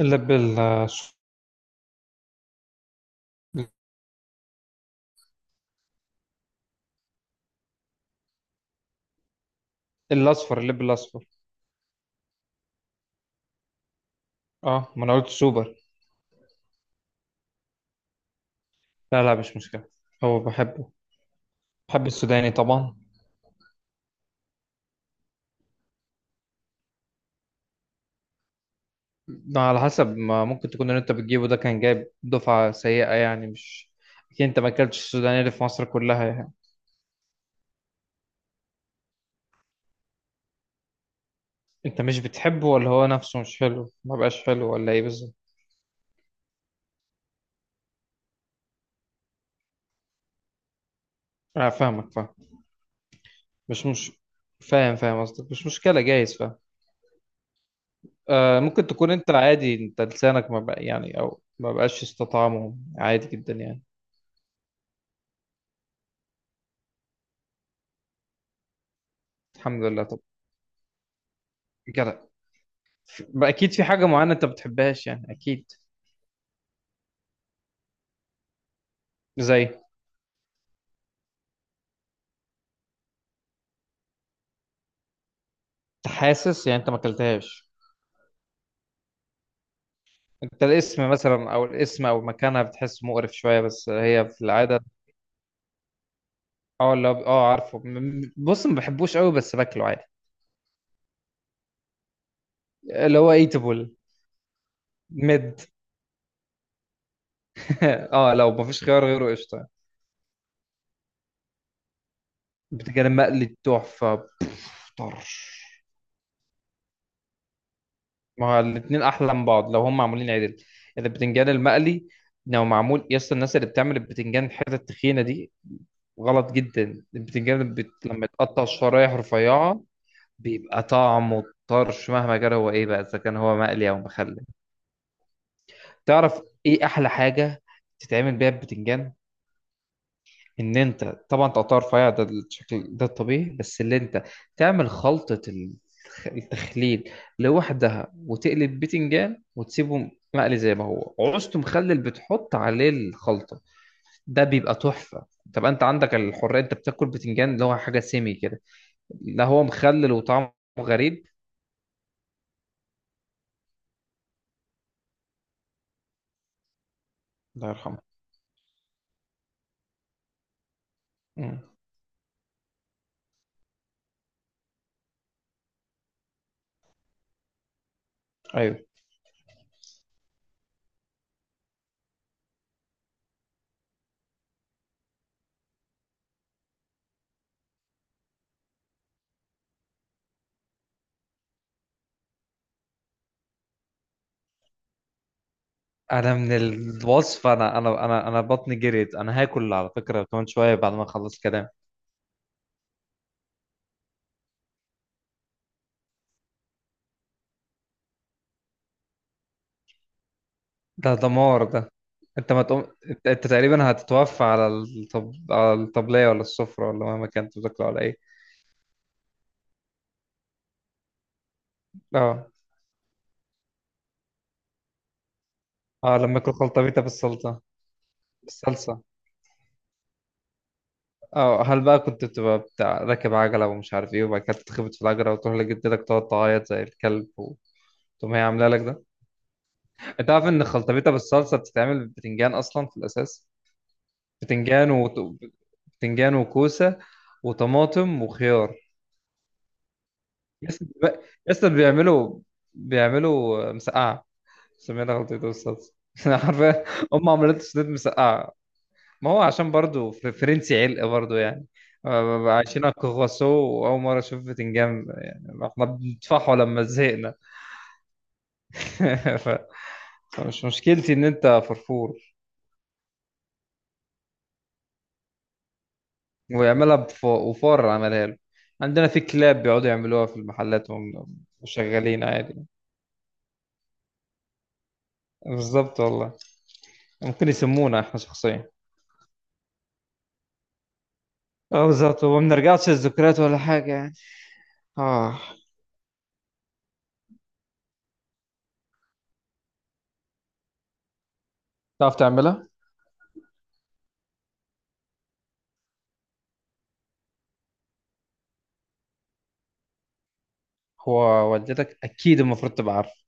اللب ال- الأصفر. اللب الأصفر. اه، ما أنا قلت سوبر. لا لا، مش مشكلة. هو بحبه. بحب السوداني طبعا. ده على حسب ما ممكن تكون، اللي أنت بتجيبه ده كان جايب دفعة سيئة، يعني مش أكيد أنت ما أكلتش السوداني اللي في مصر كلها يعني. أنت مش بتحبه، ولا هو نفسه مش حلو، ما بقاش حلو، ولا إيه بالظبط؟ أنا فاهمك، فاهم. مش فاهم فاهم قصدك، مش مشكلة جايز، فاهم. آه، ممكن تكون أنت عادي، أنت لسانك ما بقى يعني، أو ما بقاش استطعمه عادي جدا يعني. الحمد لله. جدع. اكيد في حاجه معينه انت بتحبهاش يعني، اكيد. زي انت. حاسس يعني انت ما اكلتهاش؟ انت الاسم مثلا، او الاسم او مكانها، بتحس مقرف شويه، بس هي في العاده. اه، اللي هو عارفه، بص، ما بحبوش قوي بس باكله عادي. اللي هو ايتابل. مد. اه، لو ما فيش خيار غيره قشطه. بتجي مقلي تحفه، بوف، طرش. ما هو الاتنين احلى من بعض لو هم معمولين عدل. اذا البتنجان المقلي لو معمول يا اسطى، الناس اللي بتعمل البتنجان الحته التخينه دي غلط جدا. البتنجان لما يتقطع شرايح رفيعة بيبقى طعمه طرش، مهما كان هو ايه بقى، اذا كان هو مقلي او مخلل. تعرف ايه احلى حاجة تتعمل بيها البتنجان؟ ان انت طبعا تقطع رفيع، ده الشكل ده الطبيعي، بس اللي انت تعمل خلطة التخليل لوحدها، وتقلب بتنجان وتسيبه مقلي زي ما هو، عوزته مخلل بتحط عليه الخلطة. ده بيبقى تحفة. طب انت عندك الحرية، انت بتاكل بتنجان اللي هو حاجة سيمي كده، لا هو مخلل وطعمه غريب. الله يرحمه. مم. ايوه. انا من الوصفه، انا بطني جريت، انا هاكل على فكره كمان شويه بعد ما اخلص كلام. ده دمار ده. انت ما تقوم انت, تقريبا هتتوفى على الطبليه ولا السفره، ولا مهما كان انت بتاكله على ايه. اه. اه، لما اكل خلطبيطه بالسلطه، بالصلصه. اه، هل بقى كنت بتبقى بتاع راكب عجله ومش عارف ايه، وبعد كده تتخبط في العجله وتروح لجدتك تقعد تعيط زي الكلب، وتقوم هي عامله لك ده؟ انت عارف ان خلطبيطه بالصلصه بتتعمل بالبتنجان اصلا في الاساس؟ بتنجان وط... بتنجان وكوسه وطماطم وخيار. يس. يس، بيعملوا مسقعه. سمينا خلطبيطه بالصلصه. عارفه، هم عملت سنيد مسقعه. ما هو عشان برضو فرنسي علق برضو يعني. آه، عايشين على الكرواسو، واول مره اشوف بتنجان يعني، احنا بندفعه لما زهقنا. ف- فمش مشكلتي ان انت فرفور. ويعملها وفار عملها له. عندنا في كلاب بيقعدوا يعملوها في المحلات وهم شغالين عادي. بالظبط والله. ممكن يسمونا احنا شخصيا. اه، بالظبط، وما بنرجعش للذكريات ولا حاجة يعني. اه. تعرف تعملها؟ هو والدتك اكيد المفروض تبقى عارفه.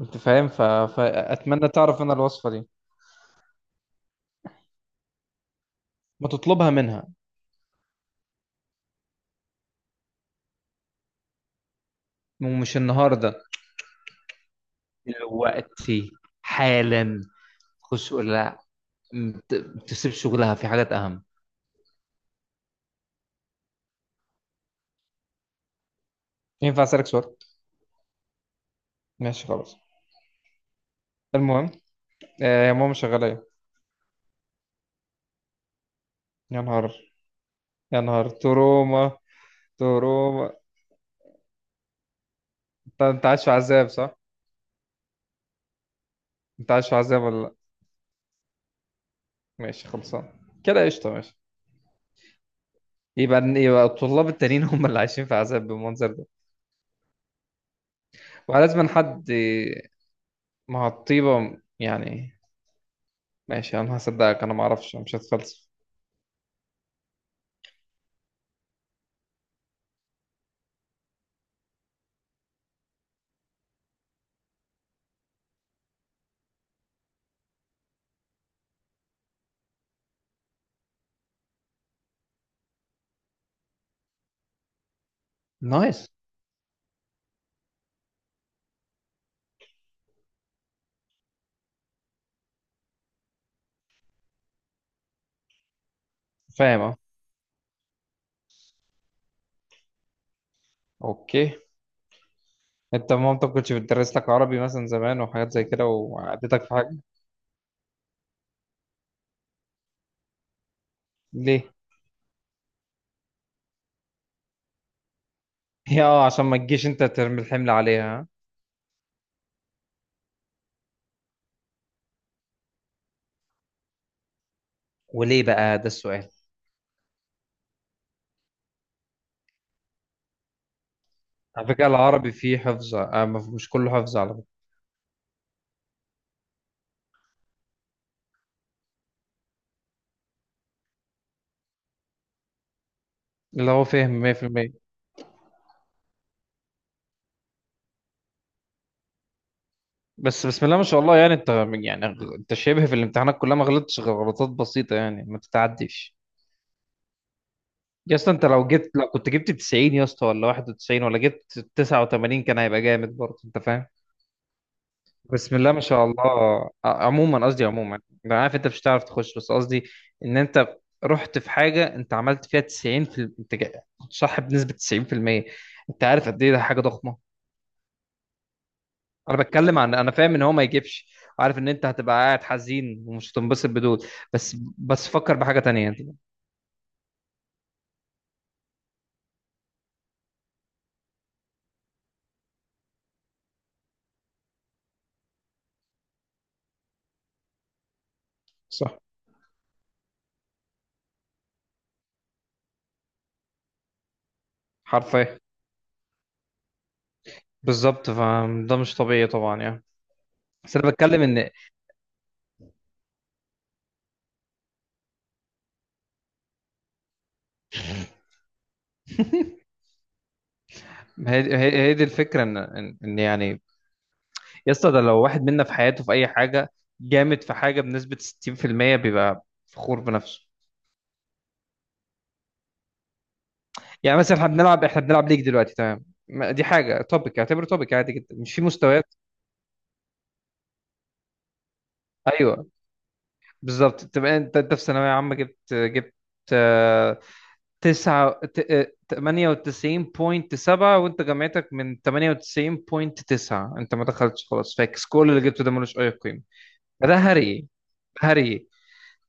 انت فاهم، فاتمنى تعرف انا الوصفة دي. ما تطلبها منها. ومش النهارده، دلوقتي، حالا. خش قول لها، ما تسيبش شغلها في حاجات اهم. ينفع اسالك سؤال؟ ماشي خلاص. المهم، يا ماما شغالة ايه؟ يا نهار، يا نهار تروما، تروما. انت عايش في عذاب، صح؟ انت عايش في عذاب ولا لا؟ ماشي خلصان. كده قشطة، ماشي. يبقى الطلاب التانيين هم اللي عايشين في عذاب بالمنظر ده. ولازم حد، مع الطيبة يعني. ماشي انا هصدقك، انا ما اعرفش، أنا مش هتفلسف. نايس. فاهم، اه. اوكي. انت مامتك كنتش بتدرس لك عربي مثلا زمان وحاجات زي كده، وعدتك في حاجة؟ ليه؟ هي عشان ما تجيش انت ترمي الحمل عليها، ها؟ وليه بقى ده السؤال؟ على فكرة العربي فيه حفظ، مش كله حفظ على فكرة. اللي هو فهم 100%. بس بسم الله ما شاء الله، يعني انت، يعني انت شبه في الامتحانات كلها ما غلطتش غير غلطات بسيطة يعني، ما تتعديش. يا اسطى انت لو كنت جبت 90 يا اسطى، ولا 91 ولا جبت 89، كان هيبقى جامد برضه، انت فاهم. بسم الله ما شاء الله، عموما، قصدي عموما. انا عارف انت مش هتعرف تخش، بس قصدي ان انت رحت في حاجة انت عملت فيها 90، انت كنت صح بنسبة 90%. انت عارف قد ايه ده حاجة ضخمة؟ انا بتكلم، عن انا فاهم ان هو ما يجيبش. عارف ان انت هتبقى قاعد حزين ومش هتنبسط بدول، بس فكر بحاجه تانية انت. صح. حرفيا. بالظبط، فده مش طبيعي طبعا يعني. بس انا بتكلم ان، هي دي الفكره، ان إن يعني. يا اسطى ده لو واحد منا في حياته في اي حاجه جامد، في حاجه بنسبه 60% بيبقى فخور بنفسه. يعني مثلا احنا بنلعب ليج دلوقتي تمام، دي حاجه توبيك، اعتبره توبيك عادي جدا مش في مستويات. ايوه، بالظبط. تبقى انت في ثانوية عامة، جبت جبت آه، تسعة ت- آه، 98.7، وانت جامعتك من 98.9، انت ما دخلتش خلاص، فاكس، كل اللي جبته ده ملوش أي قيمة. ده هري، هري،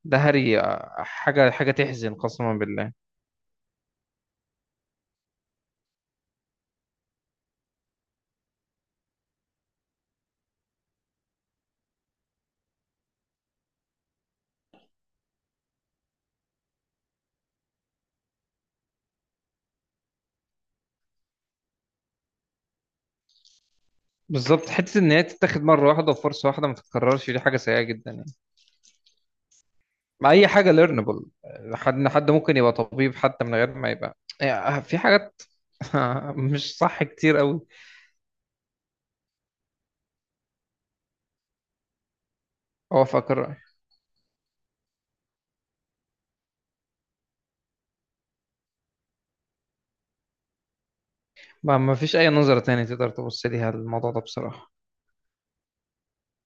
ده هري، حاجة، حاجة تحزن قسما بالله. بالظبط، حتة إن هي تتاخد مرة واحدة وفرصة واحدة ما تتكررش، دي حاجة سيئة جدا يعني، مع أي حاجة ليرنبل. حد ممكن يبقى طبيب، حتى من غير ما يبقى، يعني في حاجات مش صح كتير قوي. اوافقك الرأي. ما فيش اي نظرة تانية تقدر تبص ليها الموضوع ده بصراحة.